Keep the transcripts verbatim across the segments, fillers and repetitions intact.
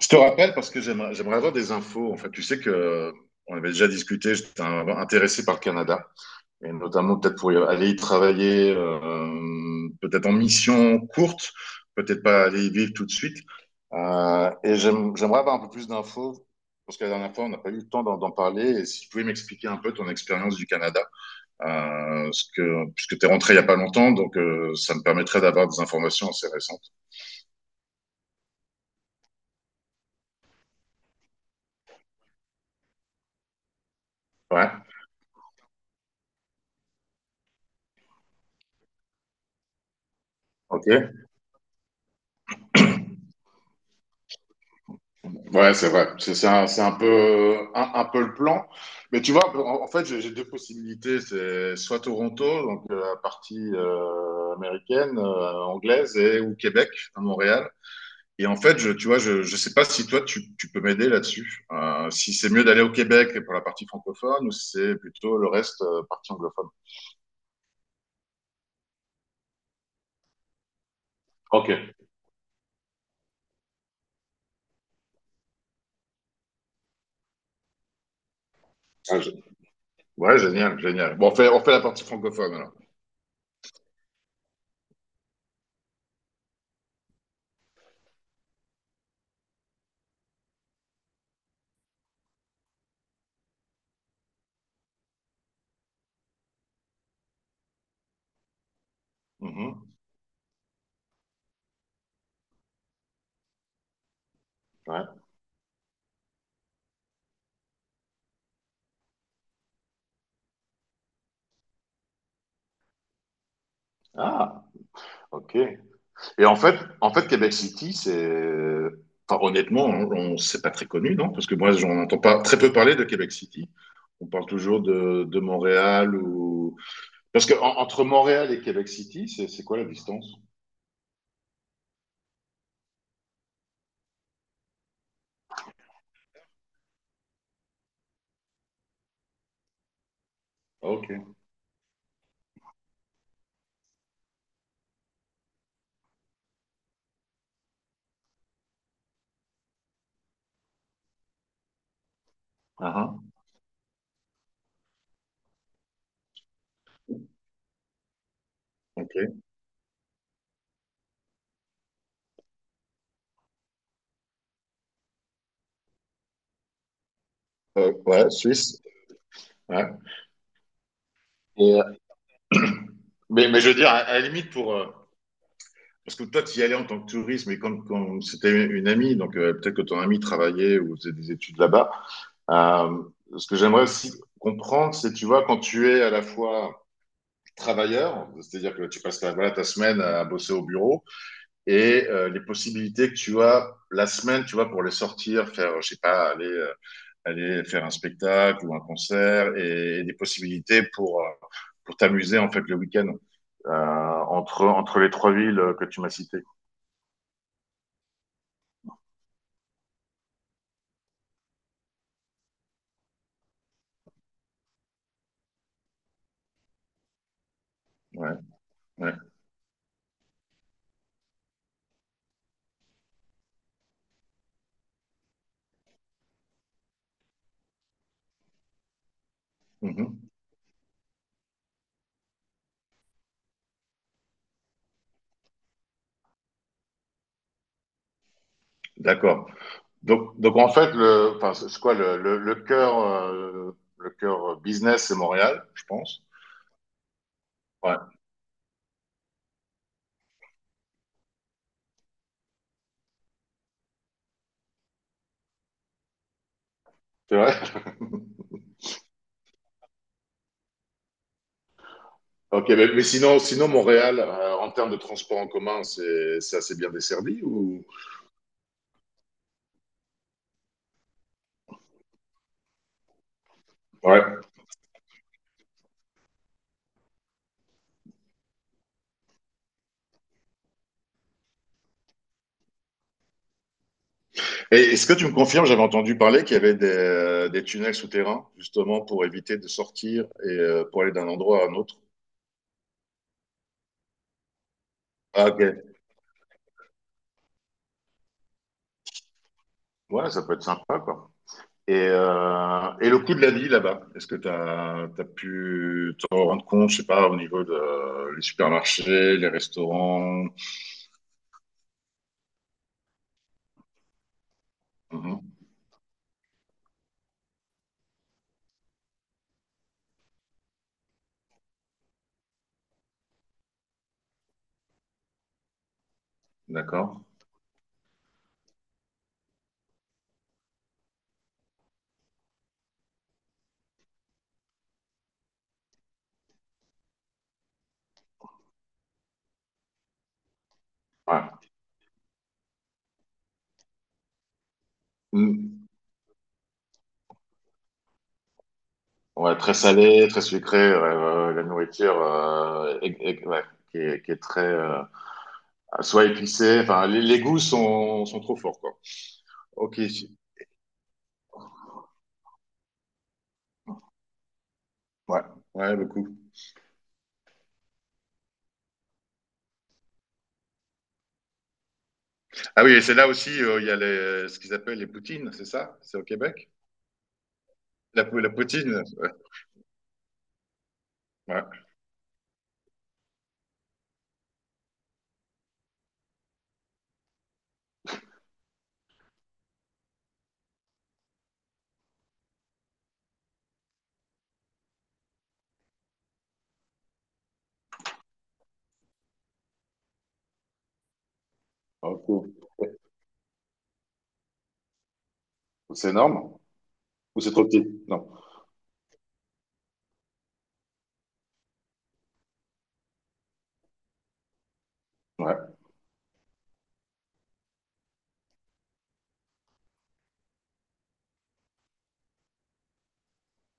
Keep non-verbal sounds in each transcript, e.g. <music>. Je te rappelle parce que j'aimerais j'aimerais avoir des infos. En fait, tu sais que euh, on avait déjà discuté, j'étais un- intéressé par le Canada, et notamment peut-être pour y aller y travailler, euh, peut-être en mission courte, peut-être pas aller y vivre tout de suite. Euh, et j'aime- j'aimerais avoir un peu plus d'infos, parce que la dernière fois, on n'a pas eu le temps d'en d'en parler. Et si tu pouvais m'expliquer un peu ton expérience du Canada, euh, ce que, puisque tu es rentré il n'y a pas longtemps, donc euh, ça me permettrait d'avoir des informations assez récentes. Ouais, ok. Ouais, c'est vrai. C'est c'est un, c'est un peu, euh, un, un peu le plan. Mais tu vois, en, en fait, j'ai j'ai deux possibilités. C'est soit Toronto, donc euh, la partie euh, américaine, euh, anglaise, et, ou Québec, à Montréal. Et en fait, je, tu vois, je je sais pas si toi, tu, tu peux m'aider là-dessus. Euh, si c'est mieux d'aller au Québec pour la partie francophone ou si c'est plutôt le reste, euh, partie anglophone. Ok. Ah, gé- ouais, génial, génial. Bon, on fait, on fait la partie francophone alors. Mhm. Ouais. Ah, ok. Et en fait, en fait Québec City, c'est. Enfin, honnêtement, on, on- c'est pas très connu, non? Parce que moi, j'en entends pas très peu parler de Québec City. On parle toujours de, de Montréal ou. Parce que en- entre Montréal et Québec City, c'est c'est quoi la distance? Ah, ok. Ah, ah, ok. Euh, ouais, Suisse. Ouais. Et, euh, mais, mais je veux dire, à, à la limite, pour. euh, parce que toi, tu y allais en tant que touriste, mais quand, quand c'était une amie, donc euh, peut-être que ton amie travaillait ou faisait des études là-bas. Euh, Ce que j'aimerais aussi comprendre, c'est, tu vois, quand tu es à la fois travailleur, c'est-à-dire que tu passes ta, voilà, ta semaine à bosser au bureau, et euh, les possibilités que tu as la semaine, tu vois, pour les sortir, faire, je sais pas, aller, euh, aller faire un spectacle ou un concert, et, et des possibilités pour, euh, pour t'amuser, en fait, le week-end, euh, entre, entre les trois villes que tu m'as citées. Ouais, ouais. Mhm. D'accord. Donc, donc en fait, le, enfin, c'est quoi le, le, le cœur, euh, le cœur business, c'est Montréal, je pense. Ouais, c'est vrai. <laughs> Ok, mais, mais sinon, sinon Montréal, euh, en termes de transport en commun, c'est c'est assez bien desservi ou ouais. Et est-ce que tu me confirmes, j'avais entendu parler qu'il y avait des, euh, des tunnels souterrains justement pour éviter de sortir et euh, pour aller d'un endroit à un autre. Ah ok. Ouais, ça peut être sympa quoi. Et, euh, et le coût de la vie là-bas, est-ce que tu as, pu te rendre compte, je sais pas, au niveau de les supermarchés, les restaurants? Mhm, d'accord. Ouais. Mm. Ouais, très salé, très sucré, ouais, ouais, ouais, la nourriture euh, est- est- ouais, qui est, qui est très euh, soit épicée, enfin les, les goûts sont, sont trop forts quoi. Ok, ouais, ouais beaucoup. Ah oui, et c'est là aussi euh, il y a les, ce qu'ils appellent les poutines, c'est ça? C'est au Québec? La, pou- la poutine, ouais. Ouais. Ok. C'est énorme? Ou c'est trop petit? Non. Ouais.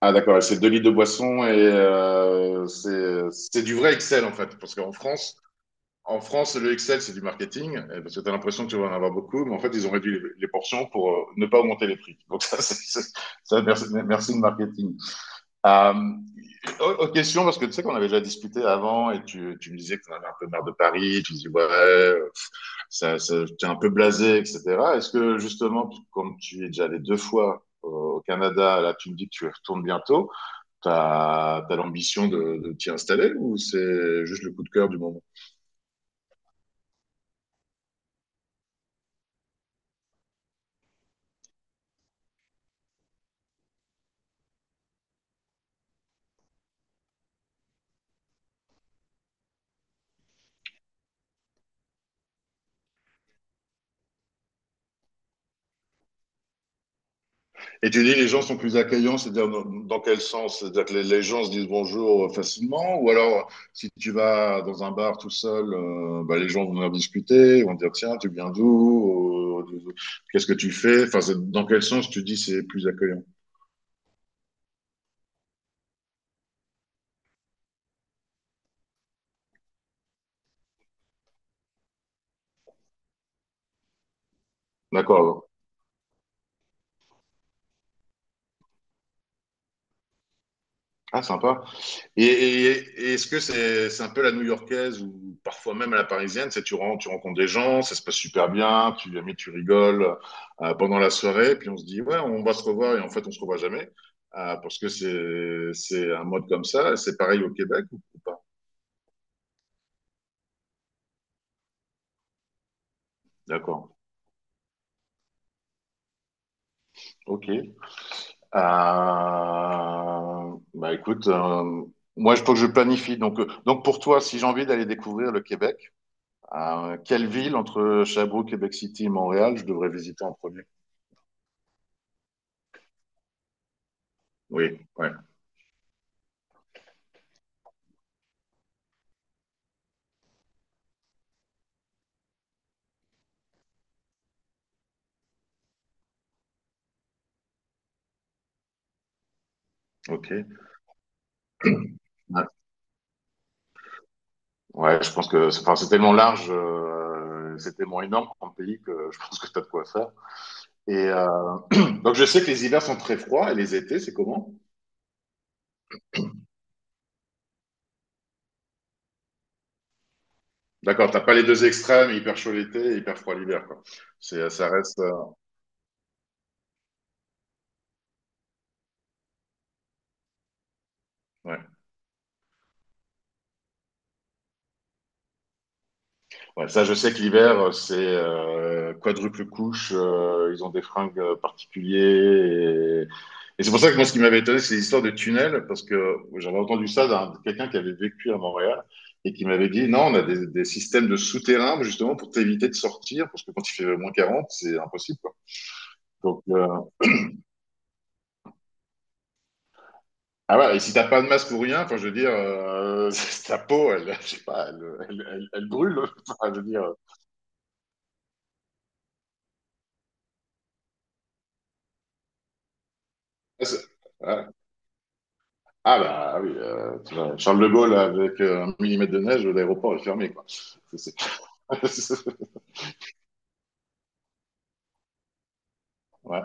Ah d'accord, et c'est deux litres de boisson et euh, c'est c'est du vrai Excel en fait. Parce qu'en France, en France, le Excel, c'est du marketing, et parce que tu as l'impression que tu vas en avoir beaucoup, mais en fait, ils ont réduit les, les portions pour euh, ne pas augmenter les prix. Donc <laughs> ça, c'est, c'est- ça, merci, merci le marketing. Euh, Autre question, parce que tu sais qu'on avait déjà discuté avant et tu, tu me disais que tu en avais un peu marre de Paris, tu me dis ouais, euh, ça, ça, tu es un peu blasé, et cétéra. Est-ce que justement, comme tu es déjà allé deux fois euh, au Canada, là tu me dis que tu y retournes bientôt, tu as, l'ambition de, de t'y installer ou c'est juste le coup de cœur du moment? Et tu dis les gens sont plus accueillants, c'est-à-dire dans, dans quel sens? C'est-à-dire que les, les gens se disent bonjour facilement, ou alors si tu vas dans un bar tout seul, euh, bah, les gens vont venir discuter, vont dire tiens, tu viens d'où? Euh, Qu'est-ce que tu fais? Enfin, c'est- dans quel sens tu dis c'est plus accueillant? D'accord. Ah, sympa. Et, et- et est-ce que c'est c'est un peu la new-yorkaise ou parfois même à la parisienne, c'est tu, ren- tu rencontres des gens, ça se passe super bien, tu, mais tu rigoles euh, pendant la soirée, puis on se dit ouais, on va se revoir et en fait on se revoit jamais euh, parce que c'est c'est un mode comme ça. C'est pareil au Québec ou, ou pas? D'accord. Ok. Euh, bah écoute, euh, moi je faut que je planifie. Donc euh, donc pour toi, si j'ai envie d'aller découvrir le Québec, euh, quelle ville entre Sherbrooke, Québec City et Montréal, je devrais visiter en premier? Oui, ouais, OK. Ouais, ouais, je pense que c'est enfin, c'est tellement large, euh, c'est tellement énorme comme pays que je pense que tu as de quoi faire. Et euh, donc, je sais que les hivers sont très froids et les étés, c'est comment? D'accord, t'as pas les deux extrêmes, hyper chaud l'été et hyper froid l'hiver, quoi. C'est, ça reste. euh, ouais. Ouais, ça, je sais que l'hiver, euh, c'est euh, quadruple couche. euh, ils ont des fringues euh, particuliers. Et c'est pour ça que moi, ce qui m'avait étonné, c'est l'histoire de tunnel, parce que j'avais entendu ça d'un quelqu'un qui avait vécu à Montréal et qui m'avait dit non, on a des, des systèmes de souterrains justement pour t'éviter de sortir, parce que quand il fait moins quarante, c'est impossible. Quoi. Donc, euh, ah ouais, et si t'as pas de masque ou rien, enfin, je veux dire, euh, <laughs> ta peau, elle, je sais pas, elle, elle, elle- elle brûle. <laughs> Enfin, je veux dire, euh, ah ah bah oui, euh, tu vois, Charles de Gaulle avec euh, un millimètre de neige, l'aéroport est fermé, quoi. C'est- c'est- <laughs> ouais,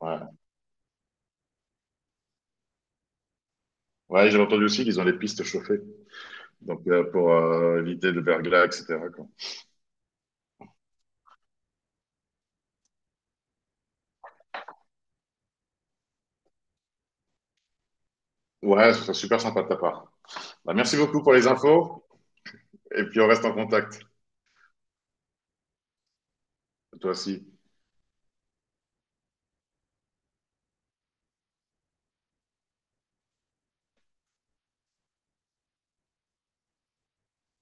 ouais. Ouais, j'ai entendu aussi qu'ils ont les pistes chauffées. Donc, euh, pour euh, éviter le verglas, et cétéra quoi. Ouais, ce serait super sympa de ta part. Bah, merci beaucoup pour les infos. Et puis, on reste en contact. Toi aussi.